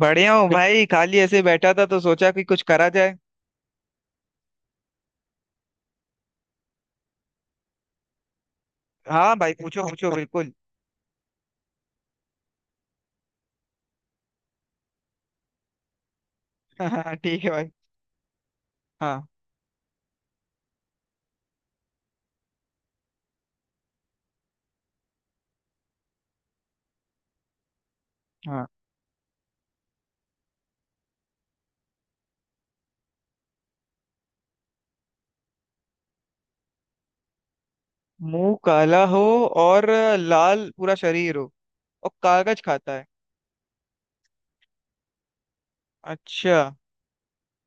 बढ़िया हूँ। भाई खाली ऐसे बैठा था तो सोचा कि कुछ करा जाए। हाँ भाई, पूछो पूछो बिल्कुल। हाँ ठीक है भाई। हाँ, हाँ। मुंह काला हो और लाल पूरा शरीर हो और कागज खाता है। अच्छा,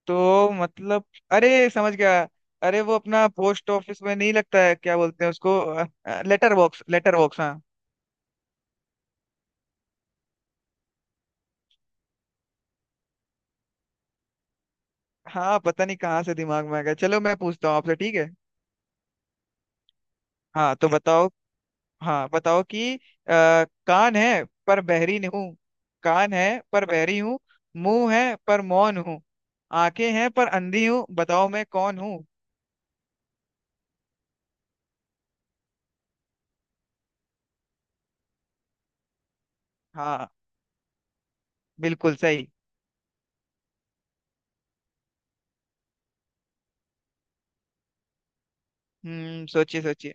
तो मतलब, अरे समझ गया। अरे वो अपना पोस्ट ऑफिस में नहीं लगता है, क्या बोलते हैं उसको, लेटर बॉक्स। लेटर बॉक्स, हाँ। हाँ पता नहीं कहाँ से दिमाग में आ गया। चलो मैं पूछता हूँ आपसे, ठीक है। हाँ तो बताओ। हाँ बताओ कि कान है पर बहरी नहीं हूँ। कान है पर बहरी हूँ। मुंह है पर मौन हूँ। आंखें हैं पर अंधी हूँ, बताओ मैं कौन हूँ। हाँ, बिल्कुल सही। हम्म, सोचिए सोचिए।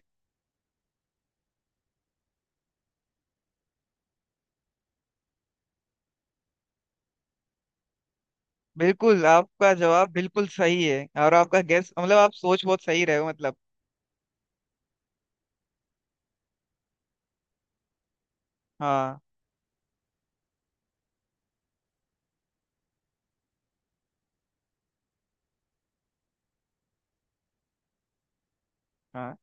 बिल्कुल आपका जवाब बिल्कुल सही है, और आपका गैस मतलब आप सोच बहुत सही रहे हो मतलब। हाँ। हाँ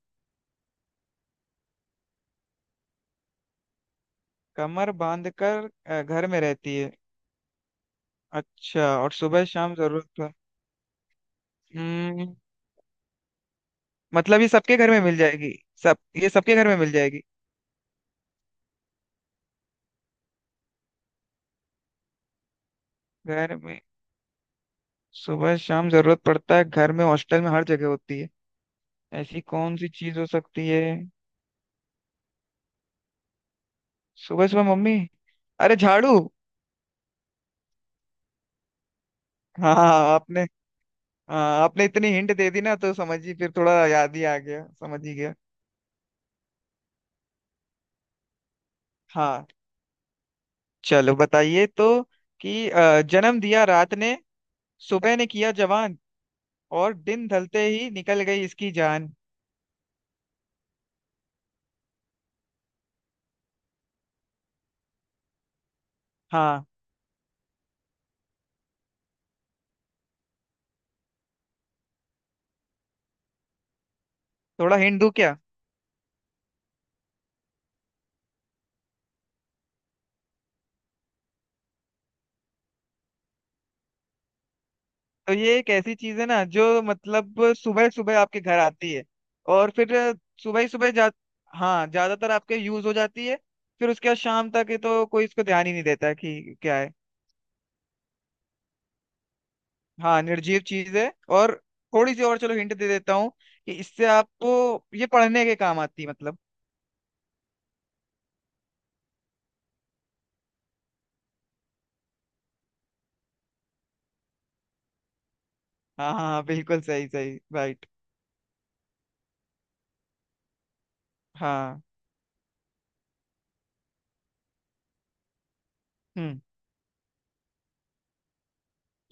कमर बांध कर घर में रहती है। अच्छा और सुबह शाम जरूरत पर। हम्म। मतलब ये सबके घर में मिल जाएगी। सब। ये सबके घर में मिल जाएगी। घर में सुबह शाम जरूरत पड़ता है, घर में, हॉस्टल में, हर जगह होती है। ऐसी कौन सी चीज हो सकती है। सुबह सुबह मम्मी, अरे झाड़ू। हाँ। आपने हाँ आपने इतनी हिंट दे दी ना तो समझ ही फिर थोड़ा याद ही आ गया, समझ ही गया। हाँ। चलो बताइए तो कि जन्म दिया रात ने, सुबह ने किया जवान, और दिन ढलते ही निकल गई इसकी जान। हाँ थोड़ा हिंट दूं क्या। तो ये एक ऐसी चीज है ना जो मतलब सुबह सुबह आपके घर आती है, और फिर सुबह ही सुबह जा हाँ ज्यादातर आपके यूज हो जाती है, फिर उसके बाद शाम तक ये तो कोई इसको ध्यान ही नहीं देता कि क्या है। हाँ निर्जीव चीज है। और थोड़ी सी और चलो हिंट दे देता हूँ कि इससे आपको ये पढ़ने के काम आती है मतलब। हाँ हाँ हाँ, बिल्कुल सही, सही राइट। हाँ। हम्म।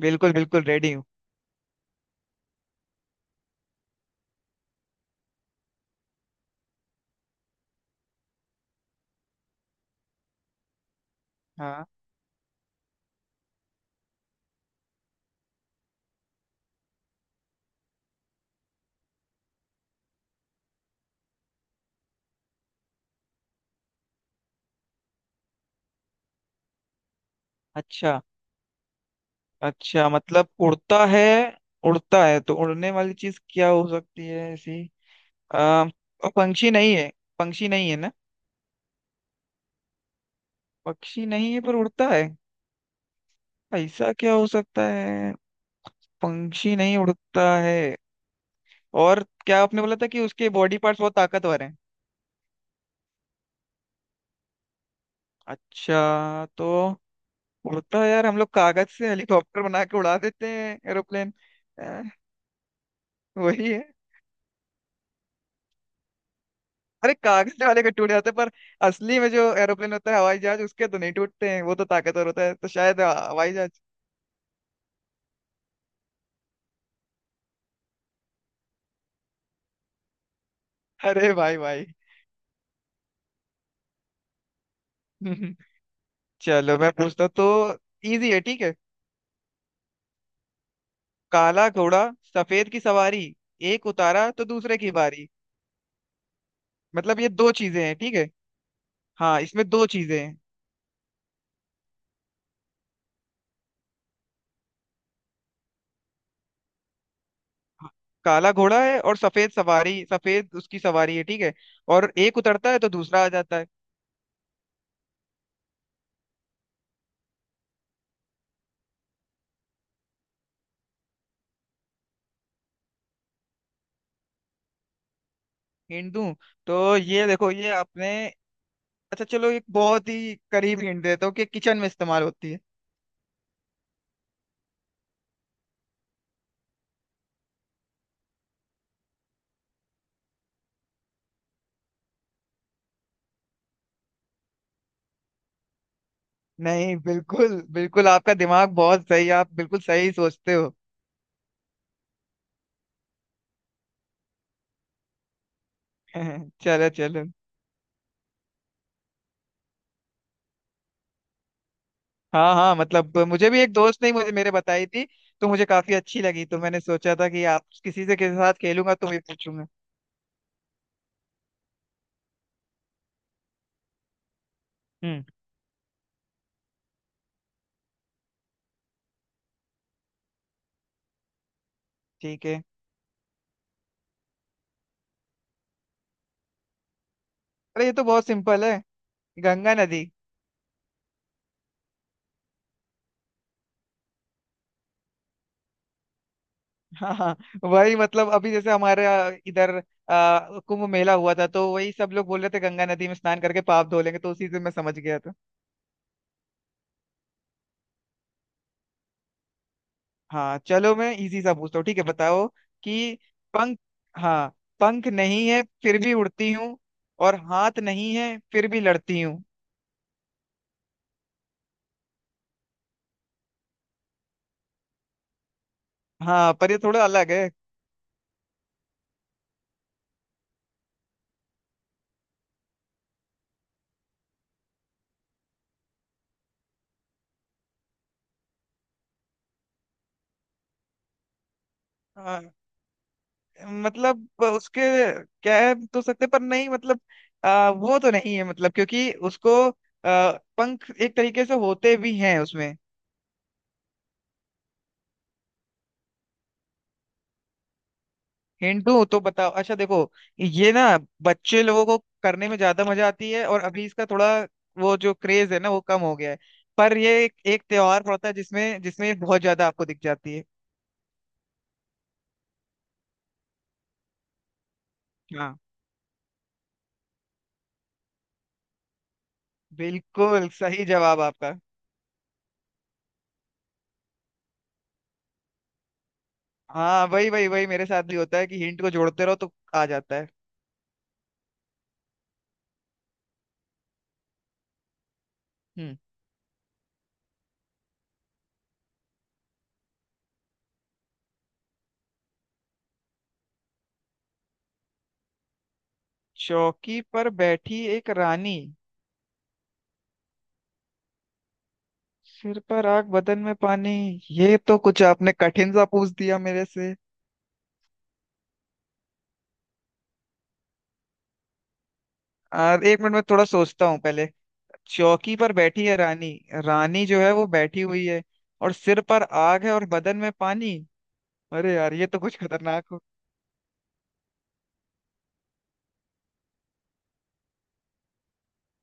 बिल्कुल बिल्कुल, रेडी हूँ। हाँ। अच्छा अच्छा, मतलब उड़ता है। उड़ता है तो उड़ने वाली चीज क्या हो सकती है ऐसी। आ, पंछी नहीं है, पंछी नहीं है ना। पक्षी नहीं है पर उड़ता है, ऐसा क्या हो सकता है। पंछी नहीं उड़ता है, और क्या आपने बोला था कि उसके बॉडी पार्ट्स बहुत ताकतवर हैं। अच्छा तो उड़ता है, यार हम लोग कागज से हेलीकॉप्टर बना के उड़ा देते हैं, एरोप्लेन। अ, वही है। अरे कागज वाले के टूट जाते हैं पर असली में जो एरोप्लेन होता है, हवाई जहाज, उसके तो नहीं टूटते हैं, वो तो ताकतवर होता है, तो शायद हवाई जहाज। अरे भाई भाई। चलो मैं पूछता हूँ तो, इजी है ठीक है। काला घोड़ा, सफेद की सवारी, एक उतारा तो दूसरे की बारी। मतलब ये दो चीजें हैं ठीक है। हाँ इसमें दो चीजें हैं। हाँ, काला घोड़ा है और सफेद सवारी, सफेद उसकी सवारी है ठीक है। और एक उतरता है तो दूसरा आ जाता है। हिंट दूं तो ये देखो ये आपने, अच्छा चलो एक बहुत ही करीब हिंट देता हूँ कि किचन में इस्तेमाल होती है। नहीं बिल्कुल बिल्कुल, आपका दिमाग बहुत सही है, आप बिल्कुल सही सोचते हो। चलो चलो। हाँ हाँ मतलब मुझे भी एक दोस्त ने मुझे मेरे बताई थी, तो मुझे काफी अच्छी लगी, तो मैंने सोचा था कि आप किसी से किसी के साथ खेलूंगा तो मैं पूछूंगा। हम्म। ठीक है। अरे ये तो बहुत सिंपल है, गंगा नदी। हाँ हाँ वही, मतलब अभी जैसे हमारे इधर कुंभ मेला हुआ था तो वही सब लोग बोल रहे थे गंगा नदी में स्नान करके पाप धो लेंगे, तो उसी से मैं समझ गया था। हाँ चलो मैं इजी सा पूछता हूँ ठीक है बताओ कि पंख, हाँ, पंख नहीं है फिर भी उड़ती हूँ, और हाथ नहीं है फिर भी लड़ती हूँ। हाँ पर ये थोड़ा अलग है। आ, मतलब उसके कह तो सकते पर नहीं, मतलब वो तो नहीं है मतलब क्योंकि उसको आ, पंख एक तरीके से होते भी हैं उसमें। हिंट दूं तो बताओ, अच्छा देखो ये ना बच्चे लोगों को करने में ज्यादा मजा आती है, और अभी इसका थोड़ा वो जो क्रेज है ना वो कम हो गया है, पर ये एक त्योहार पड़ता है जिसमें, जिसमें ये बहुत ज्यादा आपको दिख जाती है। हाँ बिल्कुल सही जवाब आपका। हाँ वही वही वही मेरे साथ भी होता है कि हिंट को जोड़ते रहो तो आ जाता है। हम्म। चौकी पर बैठी एक रानी, सिर पर आग बदन में पानी। ये तो कुछ आपने कठिन सा पूछ दिया मेरे से। एक मिनट में थोड़ा सोचता हूँ पहले। चौकी पर बैठी है रानी, रानी जो है वो बैठी हुई है, और सिर पर आग है और बदन में पानी। अरे यार ये तो कुछ खतरनाक हो,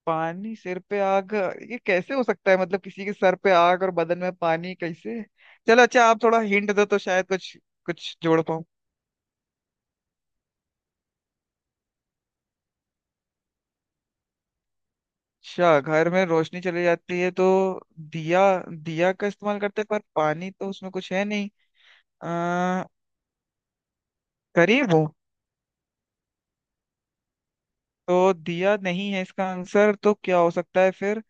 पानी सिर पे आग, ये कैसे हो सकता है, मतलब किसी के सर पे आग और बदन में पानी कैसे। चलो अच्छा आप थोड़ा हिंट दो तो शायद कुछ कुछ जोड़। अच्छा घर में रोशनी चली जाती है तो दिया, दिया का इस्तेमाल करते हैं पर पानी तो उसमें कुछ है नहीं। आ, करीब हो। तो दिया नहीं है इसका आंसर, तो क्या हो सकता है फिर।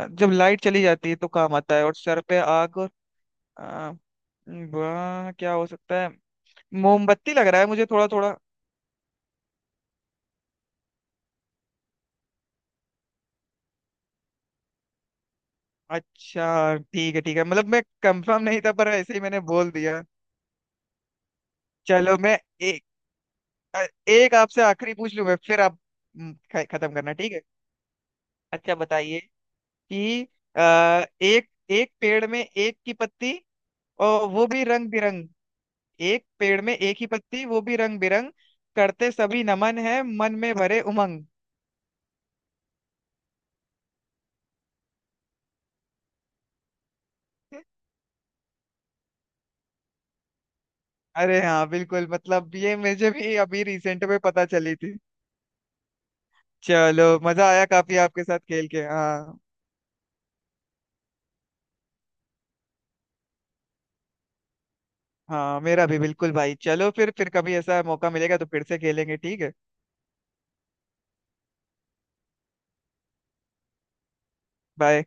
जब लाइट चली जाती है तो काम आता है, और सर पे आग और आ, वाह क्या हो सकता है। मोमबत्ती लग रहा है मुझे थोड़ा थोड़ा। अच्छा ठीक है ठीक है, मतलब मैं कंफर्म नहीं था पर ऐसे ही मैंने बोल दिया। चलो मैं एक अ, एक आपसे आखिरी पूछ लूं मैं, फिर आप, खत्म करना ठीक है। अच्छा बताइए कि आ, एक एक पेड़ में एक की पत्ती, और वो भी रंग बिरंग। एक पेड़ में एक ही पत्ती, वो भी रंग बिरंग, करते सभी नमन, है मन में भरे उमंग। अरे हाँ बिल्कुल, मतलब ये मुझे भी अभी रिसेंट में पता चली थी। चलो मजा आया काफी आपके साथ खेल के, हाँ। हाँ मेरा भी बिल्कुल भाई, चलो फिर कभी ऐसा मौका मिलेगा तो फिर से खेलेंगे ठीक है। बाय।